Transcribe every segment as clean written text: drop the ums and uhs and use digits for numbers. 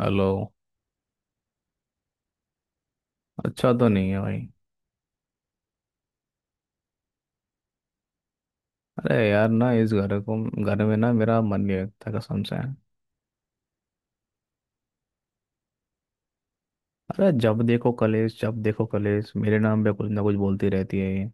Hello. अच्छा तो नहीं है भाई। अरे यार ना इस घर को घर में ना मेरा मन नहीं लगता कसम से। अरे जब देखो कलेश मेरे नाम पे कुछ ना कुछ बोलती रहती है ये।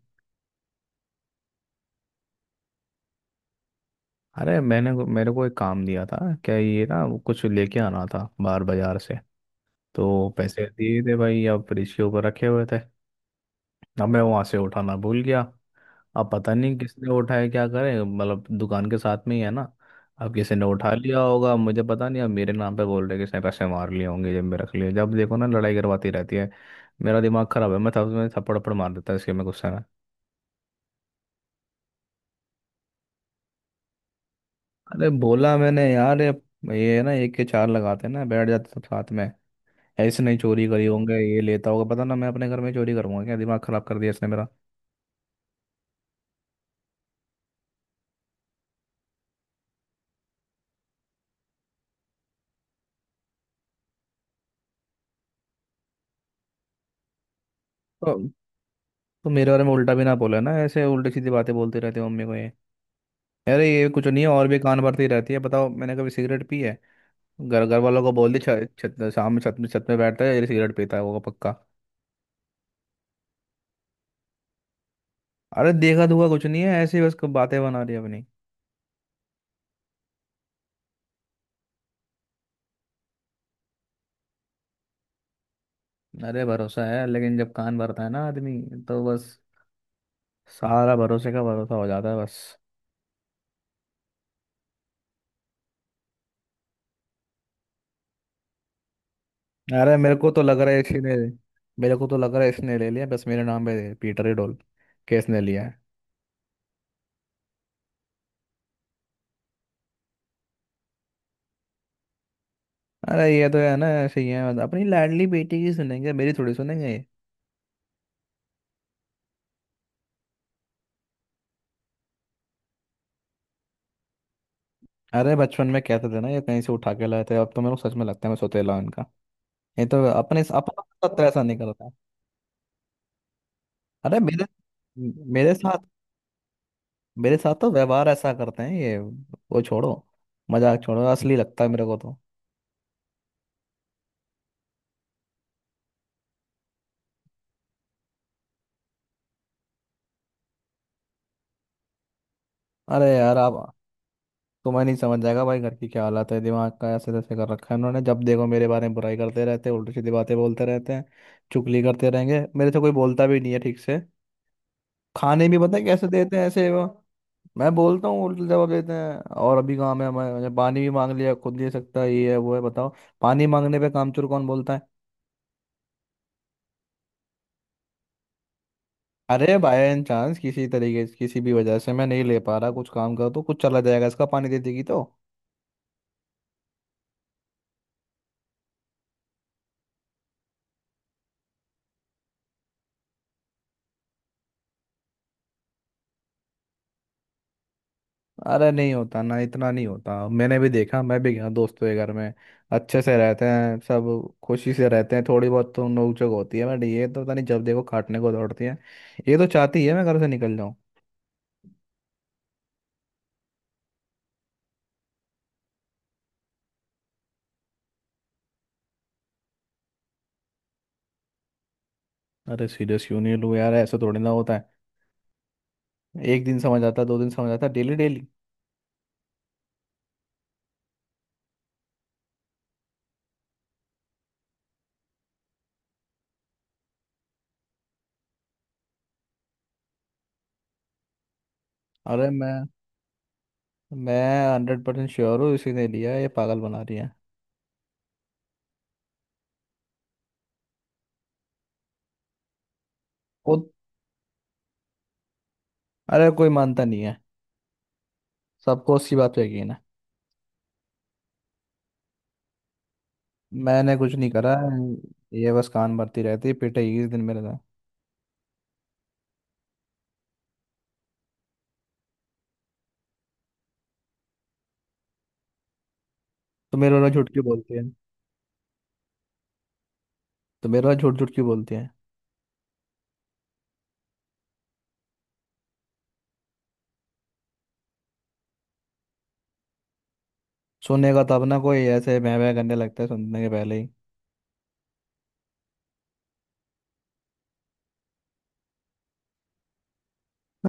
अरे मैंने मेरे को एक काम दिया था, क्या ये ना वो कुछ लेके आना था बाहर बाजार से, तो पैसे दिए थे भाई अब फ्रिज के ऊपर रखे हुए थे। अब मैं वहां से उठाना भूल गया। अब पता नहीं किसने उठाए क्या करें मतलब दुकान के साथ में ही है ना। अब किसी ने उठा लिया होगा मुझे पता नहीं, अब मेरे नाम पे बोल रहे किसने पैसे मार लिए होंगे जेब में रख लिए, जब देखो ना लड़ाई करवाती रहती है। मेरा दिमाग खराब है, मैं थप्पड़ थप्पड़ मार देता इसके में गुस्से में। अरे बोला मैंने यार ये ना एक के चार लगाते हैं ना बैठ जाते सब साथ में। ऐसे नहीं चोरी करी होंगे ये लेता होगा पता ना, मैं अपने घर में चोरी करूंगा क्या? दिमाग खराब कर दिया इसने मेरा। तो, तो मेरे बारे में उल्टा भी ना बोला ना, ऐसे उल्टी सीधी बातें बोलते रहते हो मम्मी को ये। अरे ये कुछ नहीं है और भी कान भरती रहती है, बताओ मैंने कभी सिगरेट पी है? घर घर वालों को बोल दी छत शाम में छत में बैठता है ये सिगरेट पीता है वो पक्का। अरे देखा दुखा कुछ नहीं है ऐसे ही बस बातें बना रही है अपनी। अरे भरोसा है लेकिन जब कान भरता है ना आदमी, तो बस सारा भरोसे का भरोसा हो जाता है बस। अरे मेरे को तो लग रहा है इसने मेरे को तो लग रहा है इसने ले लिया बस, मेरे नाम पे पीटर ही डोल केस ने लिया है। अरे ये तो है ना ऐसे ही है, अपनी लाडली बेटी की सुनेंगे मेरी थोड़ी सुनेंगे। अरे बचपन में कहते थे ना ये कहीं से उठा के लाए थे, अब तो मेरे को सच में लगता है मैं सोतेला हूं इनका। नहीं तो अपने अपने साथ तो ऐसा नहीं करता। अरे मेरे मेरे साथ मेरे साथ तो व्यवहार ऐसा करते हैं ये, वो छोड़ो मजाक छोड़ो, असली लगता है मेरे को तो। अरे यार आप तुम्हें नहीं समझ जाएगा भाई घर की क्या हालत है, दिमाग का ऐसे तैसे कर रखा है उन्होंने, जब देखो मेरे बारे में बुराई करते रहते हैं उल्टी सीधी बातें बोलते रहते हैं। चुगली करते रहेंगे, मेरे से कोई बोलता भी नहीं है ठीक से। खाने भी पता है कैसे देते हैं ऐसे वो। मैं बोलता हूँ उल्टा जवाब देते हैं, और अभी काम है हमारे मैंने पानी भी मांग लिया, खुद दे सकता है ये है वो है, बताओ पानी मांगने पे कामचोर कौन बोलता है? अरे बाय चांस किसी तरीके से किसी भी वजह से मैं नहीं ले पा रहा कुछ काम का तो कुछ चला जाएगा इसका पानी दे देगी तो। अरे नहीं होता ना, इतना नहीं होता, मैंने भी देखा मैं भी गया दोस्तों के घर में। अच्छे से रहते हैं सब, खुशी से रहते हैं थोड़ी बहुत तो नोकझोंक होती है बट ये तो पता नहीं जब देखो काटने को दौड़ती है, ये तो चाहती है मैं घर से निकल जाऊँ। अरे सीरियस क्यों नहीं लूँ यार, ऐसा थोड़ी ना होता है। एक दिन समझ आता दो दिन समझ आता, डेली डेली। अरे मैं 100% श्योर हूँ इसी ने लिया है, ये पागल बना रही है खुद। अरे कोई मानता नहीं है, सबको उसकी बात पे यकीन है। मैंने कुछ नहीं करा है, ये बस कान भरती रहती है पिटाई इस दिन मेरे साथ। तो मेरे वाला झूठ क्यों बोलती है? तो मेरे वाला झूठ झूठ क्यों बोलती है? सुनने का तब ना कोई ऐसे बह बह करने लगता है सुनने के पहले ही।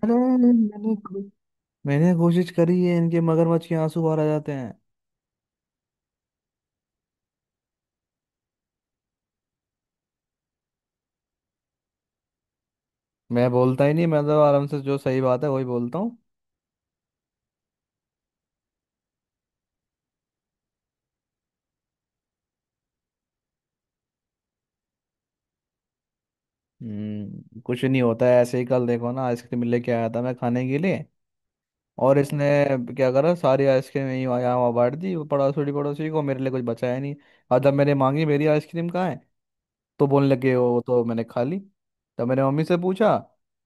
अरे मैंने को- मैंने कोशिश करी है, इनके मगरमच्छ के आंसू बाहर आ जाते हैं। मैं बोलता ही नहीं, मैं तो आराम से जो सही बात है वही बोलता। कुछ नहीं होता है ऐसे ही, कल देखो ना आइसक्रीम लेके आया था मैं खाने के लिए, और इसने क्या करा, सारी आइसक्रीम यहाँ वहाँ बांट दी वो, पड़ोसी पड़ोसी को, मेरे लिए कुछ बचाया नहीं। और जब मैंने मांगी मेरी आइसक्रीम कहाँ है, तो बोलने लगे वो तो मैंने खा ली। जब मैंने मम्मी से पूछा,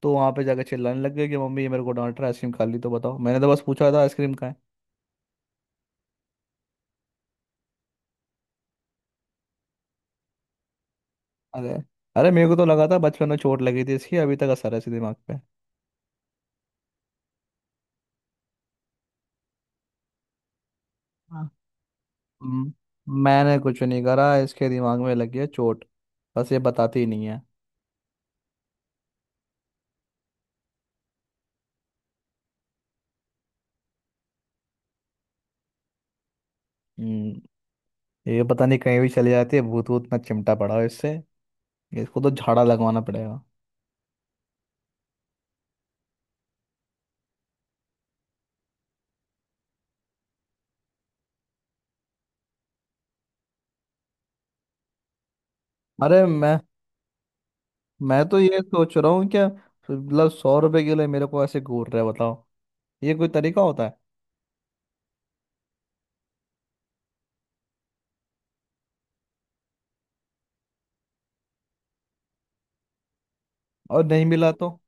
तो वहाँ पे जाकर चिल्लाने लग गए कि मम्मी ये मेरे को डांट रहा है आइसक्रीम खा ली, तो बताओ मैंने तो बस पूछा था आइसक्रीम कहाँ है। अरे अरे मेरे को तो लगा था बचपन में चोट लगी थी इसकी, अभी तक असर है इसके दिमाग पे। हम्म, मैंने कुछ नहीं करा, इसके दिमाग में लगी है चोट, बस ये बताती ही नहीं है। हम्म ये पता नहीं कहीं भी चली जाती है, भूत वूत ना चिमटा पड़ा हो इससे, इसको तो झाड़ा लगवाना पड़ेगा। अरे मैं तो ये सोच रहा हूँ क्या मतलब 100 रुपए के लिए मेरे को ऐसे घूर रहे हैं, बताओ ये कोई तरीका होता है? और नहीं मिला तो?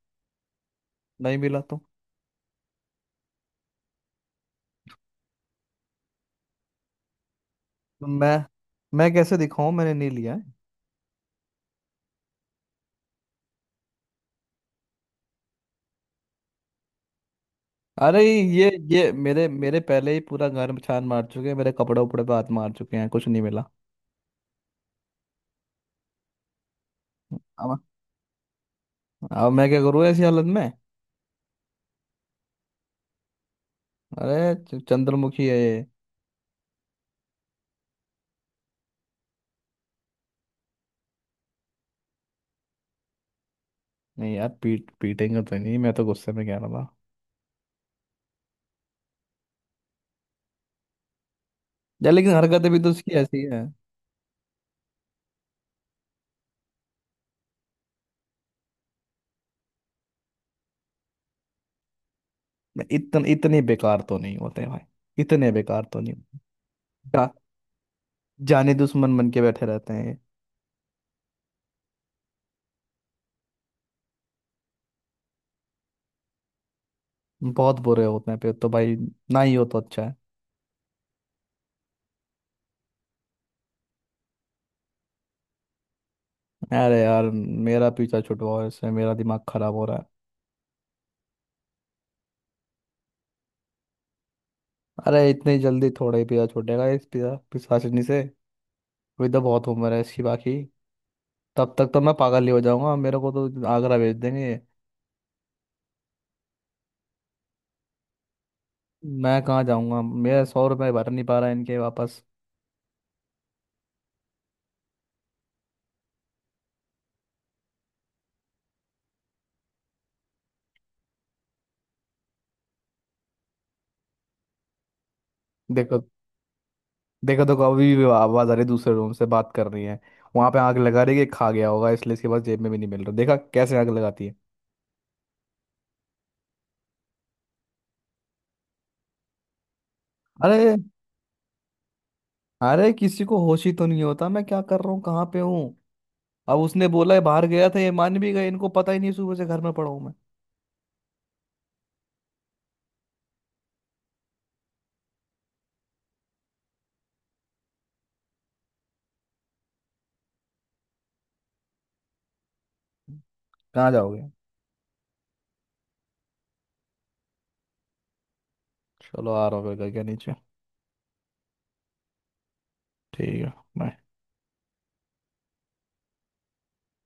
नहीं मिला तो? तो मैं मैं कैसे दिखाऊं मैंने नहीं लिया है? अरे ये मेरे मेरे पहले ही पूरा घर में छान मार चुके हैं, मेरे कपड़े उपड़े पे हाथ मार चुके हैं, कुछ नहीं मिला। अब अब मैं क्या करूँ ऐसी हालत में? चंद्रमुखी है ये। नहीं यार पीटेंगे तो नहीं, मैं तो गुस्से में कह रहा था। यार लेकिन हरकतें भी तो उसकी ऐसी है। मैं इतन इतने बेकार तो नहीं होते भाई, इतने बेकार तो नहीं होते। जा, जाने दुश्मन बन के बैठे रहते हैं ये। बहुत बुरे होते हैं फिर तो भाई, ना ही हो तो अच्छा है। अरे यार मेरा पीछा छुटवाओ इससे, मेरा दिमाग खराब हो रहा है। अरे इतनी जल्दी थोड़ा ही पीछा छूटेगा इस पीछा पिशाचिनी से, विदा बहुत उम्र है इसकी बाकी, तब तक तो मैं पागल ही हो जाऊंगा, मेरे को तो आगरा भेज देंगे। मैं कहाँ जाऊंगा, मेरा 100 रुपये भर नहीं पा रहा है इनके वापस। देखो देखो तो अभी भी आवाज आ रही है दूसरे रूम से बात कर रही है, वहां पे आग लगा रही है कि खा गया होगा इसलिए इसके पास जेब में भी नहीं मिल रहा, देखा कैसे आग लगाती है? अरे अरे किसी को होश ही तो नहीं होता मैं क्या कर रहा हूँ कहाँ पे हूँ। अब उसने बोला है बाहर गया था ये मान भी गए, इनको पता ही नहीं सुबह से घर में पड़ा हूँ मैं। कहाँ जाओगे? चलो आ रहा हूँ घर के नीचे। ठीक है, bye।